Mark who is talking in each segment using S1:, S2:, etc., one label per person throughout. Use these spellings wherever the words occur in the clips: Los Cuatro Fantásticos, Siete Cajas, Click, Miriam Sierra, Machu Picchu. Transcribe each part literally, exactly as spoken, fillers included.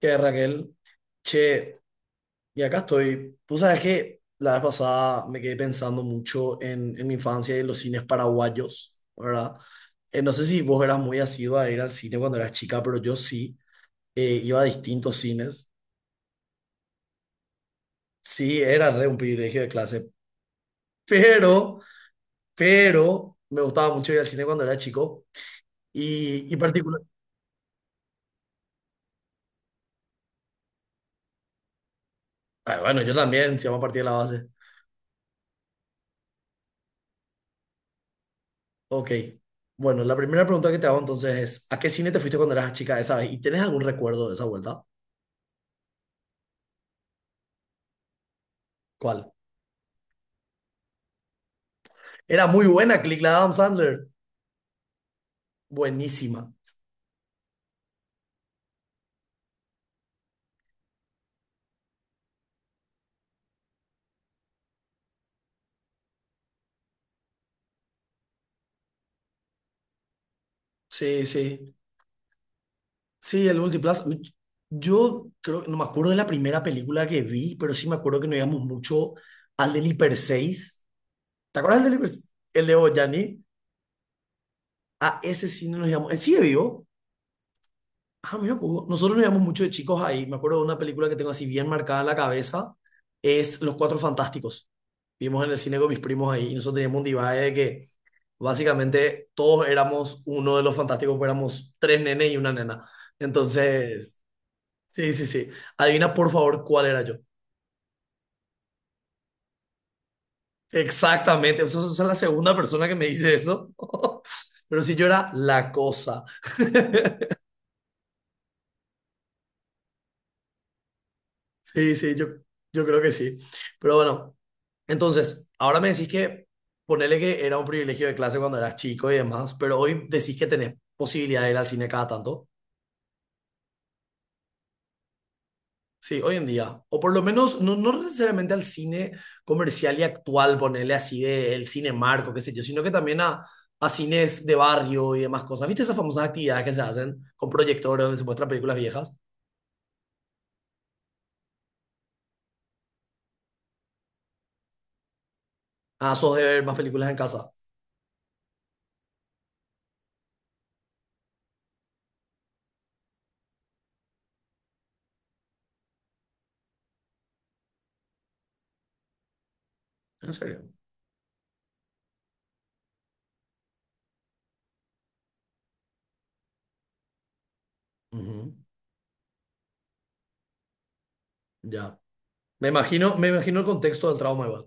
S1: Que Raquel, che, y acá estoy. Tú sabes que la vez pasada me quedé pensando mucho en, en mi infancia y en los cines paraguayos, ¿verdad? Eh, no sé si vos eras muy asidua a ir al cine cuando eras chica, pero yo sí, eh, iba a distintos cines. Sí, era re un privilegio de clase, pero, pero me gustaba mucho ir al cine cuando era chico. Y, y particular, ah, bueno, yo también, si vamos a partir de la base. Ok. Bueno, la primera pregunta que te hago entonces es, ¿a qué cine te fuiste cuando eras chica esa vez? ¿Y tenés algún recuerdo de esa vuelta? ¿Cuál? Era muy buena, Click, la de Adam Sandler. Buenísima. Sí, sí. Sí, el Multiplus. Yo creo, no me acuerdo de la primera película que vi, pero sí me acuerdo que nos íbamos mucho al del Hiper seis. ¿Te acuerdas del Hiper seis? El de Boyani. A ese cine nos íbamos. ¿Sigue vivo? Ah, mira, Hugo, nosotros nos íbamos mucho de chicos ahí. Me acuerdo de una película que tengo así bien marcada en la cabeza, es Los Cuatro Fantásticos. Vimos en el cine con mis primos ahí y nosotros teníamos un divide de que básicamente todos éramos uno de los fantásticos, pues éramos tres nenes y una nena. Entonces, sí, sí, sí. Adivina por favor cuál era yo. Exactamente, eso eso es la segunda persona que me dice eso. Pero sí, yo era la cosa. Sí, sí, yo, yo creo que sí. Pero bueno. Entonces, ahora me decís que ponele que era un privilegio de clase cuando eras chico y demás, pero hoy decís que tenés posibilidad de ir al cine cada tanto. Sí, hoy en día. O por lo menos, no, no necesariamente al cine comercial y actual, ponele así de el cine marco, qué sé yo, sino que también a, a cines de barrio y demás cosas. ¿Viste esas famosas actividades que se hacen con proyectores donde se muestran películas viejas? Ah, sos de ver más películas en casa. ¿En serio? Ujú. Ya. Me imagino, me imagino el contexto del trauma igual.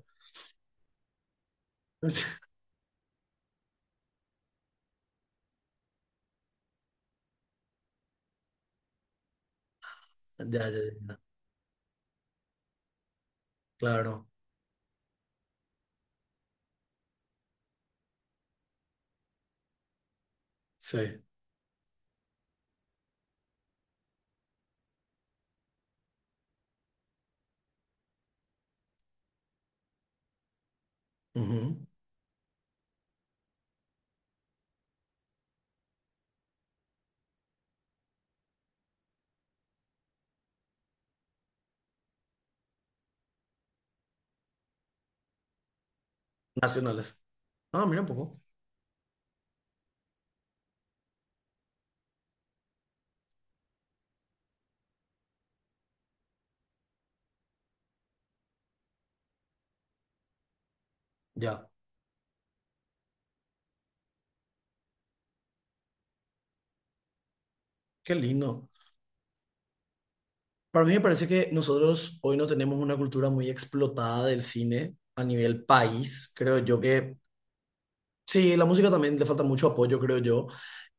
S1: Ya, ya, ya. Claro. Sí. Ujú. Nacionales. Ah, mira un poco. Ya. Qué lindo. Para mí me parece que nosotros hoy no tenemos una cultura muy explotada del cine a nivel país. Creo yo que. Sí, la música también le falta mucho apoyo, creo yo.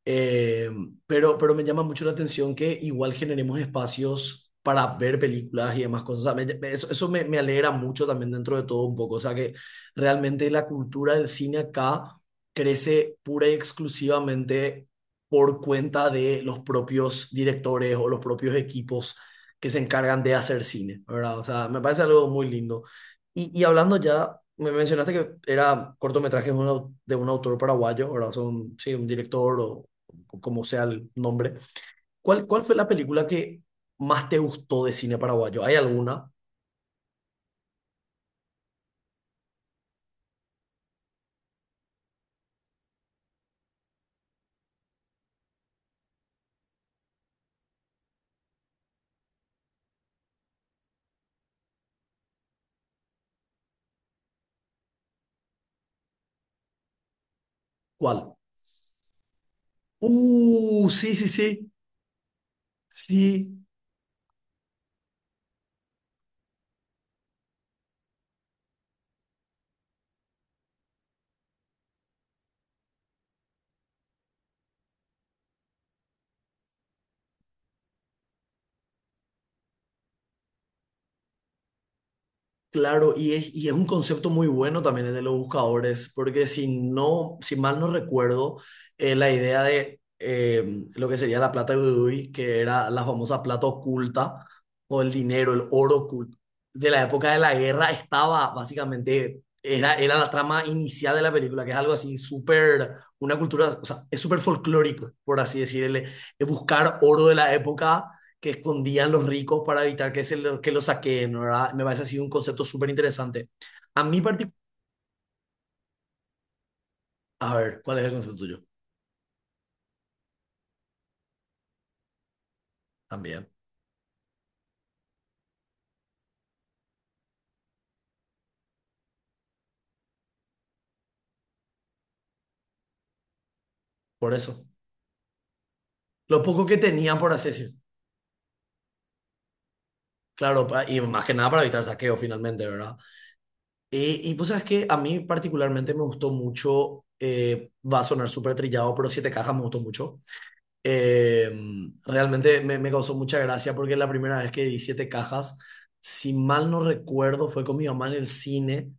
S1: Eh, pero, pero me llama mucho la atención que igual generemos espacios para ver películas y demás cosas. O sea, me- me- eso eso me, me alegra mucho también dentro de todo un poco. O sea, que realmente la cultura del cine acá crece pura y exclusivamente por cuenta de los propios directores o los propios equipos que se encargan de hacer cine, ¿verdad? O sea, me parece algo muy lindo. Y, y hablando ya, me mencionaste que era cortometraje de un, au- de un autor paraguayo, ahora son sí, un director o, o como sea el nombre. ¿Cuál, cuál fue la película que más te gustó de cine paraguayo? ¿Hay alguna? ¿Cuál? Uh, sí, sí, sí. Sí. Claro, y es, y es, un concepto muy bueno también el de los buscadores, porque si no, si mal no recuerdo, eh, la idea de eh, lo que sería la plata de Udui, que era la famosa plata oculta, o el dinero, el oro oculto, de la época de la guerra estaba básicamente, era, era la trama inicial de la película, que es algo así súper, una cultura, o sea, es súper folclórico, por así decirle, buscar oro de la época que escondían los ricos para evitar que, se lo, que los saqueen, ¿verdad? Me parece así un concepto súper interesante. A mí particular, a ver, ¿cuál es el concepto tuyo? También, por eso. Lo poco que tenían por acceso. Claro, pa- y más que nada para evitar saqueo finalmente, ¿verdad? Y, y pues sabes que a mí particularmente me gustó mucho, eh, va a sonar súper trillado, pero Siete Cajas me gustó mucho. Eh, realmente me, me causó mucha gracia porque la primera vez que vi Siete Cajas, si mal no recuerdo, fue con mi mamá en el cine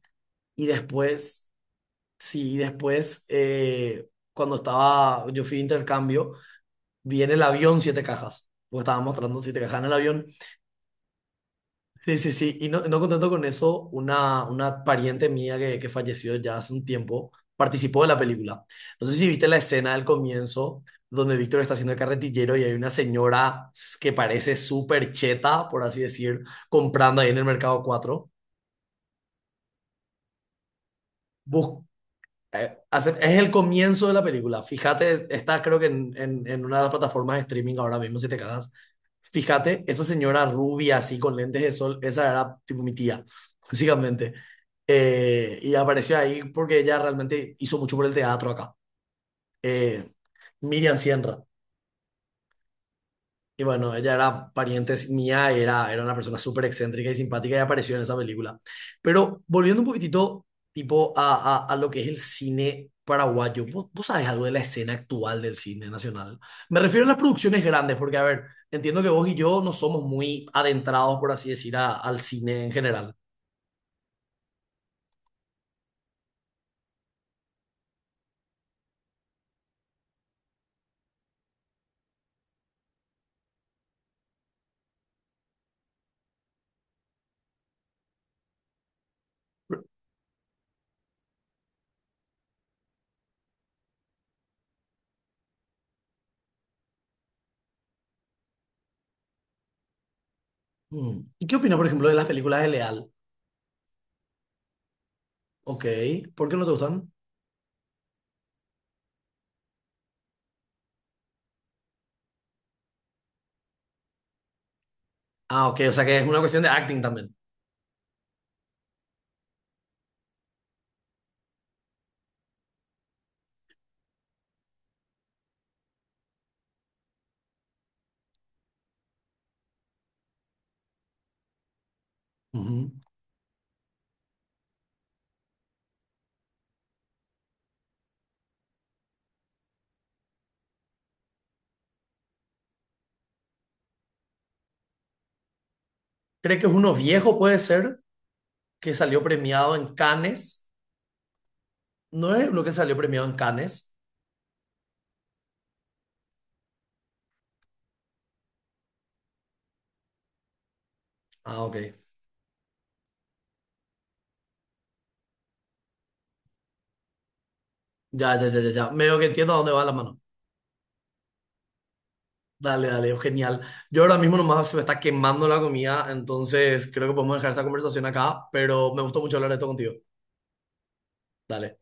S1: y después. Sí, después, eh, cuando estaba, yo fui de intercambio, vi en el avión siete cajas, porque estaba mostrando siete cajas en el avión. Sí, sí, sí, y no, no contento con eso, una, una pariente mía que, que falleció ya hace un tiempo participó de la película. No sé si viste la escena del comienzo, donde Víctor está haciendo el carretillero y hay una señora que parece súper cheta, por así decir, comprando ahí en el mercado cuatro. Eh, hace- es el comienzo de la película. Fíjate, es- está creo que en, en- en una de las plataformas de streaming ahora mismo, si te cagas. Fíjate, esa señora rubia así con lentes de sol, esa era tipo mi tía, básicamente. Eh, y apareció ahí porque ella realmente hizo mucho por el teatro acá. Eh, Miriam Sierra. Y bueno, ella era pariente mía, y era, era una persona súper excéntrica y simpática y apareció en esa película. Pero volviendo un poquitito, tipo, a, a, a lo que es el cine paraguayo, ¿vos, vos sabés algo de la escena actual del cine nacional? Me refiero a las producciones grandes, porque, a ver, entiendo que vos y yo no somos muy adentrados, por así decir, a- al cine en general. Mm. ¿Y qué opinas, por ejemplo, de las películas de Leal? Ok, ¿por qué no te gustan? Ah, ok, o sea que es una cuestión de acting también. Ujú. ¿Crees que es uno viejo, puede ser? Que salió premiado en Cannes. ¿No es lo que salió premiado en Cannes? Ah, ok. Ya, ya, ya, ya, ya. Medio que entiendo a dónde va la mano. Dale, dale, genial. Yo ahora mismo nomás se me está quemando la comida, entonces creo que podemos dejar esta conversación acá, pero me gustó mucho hablar de esto contigo. Dale.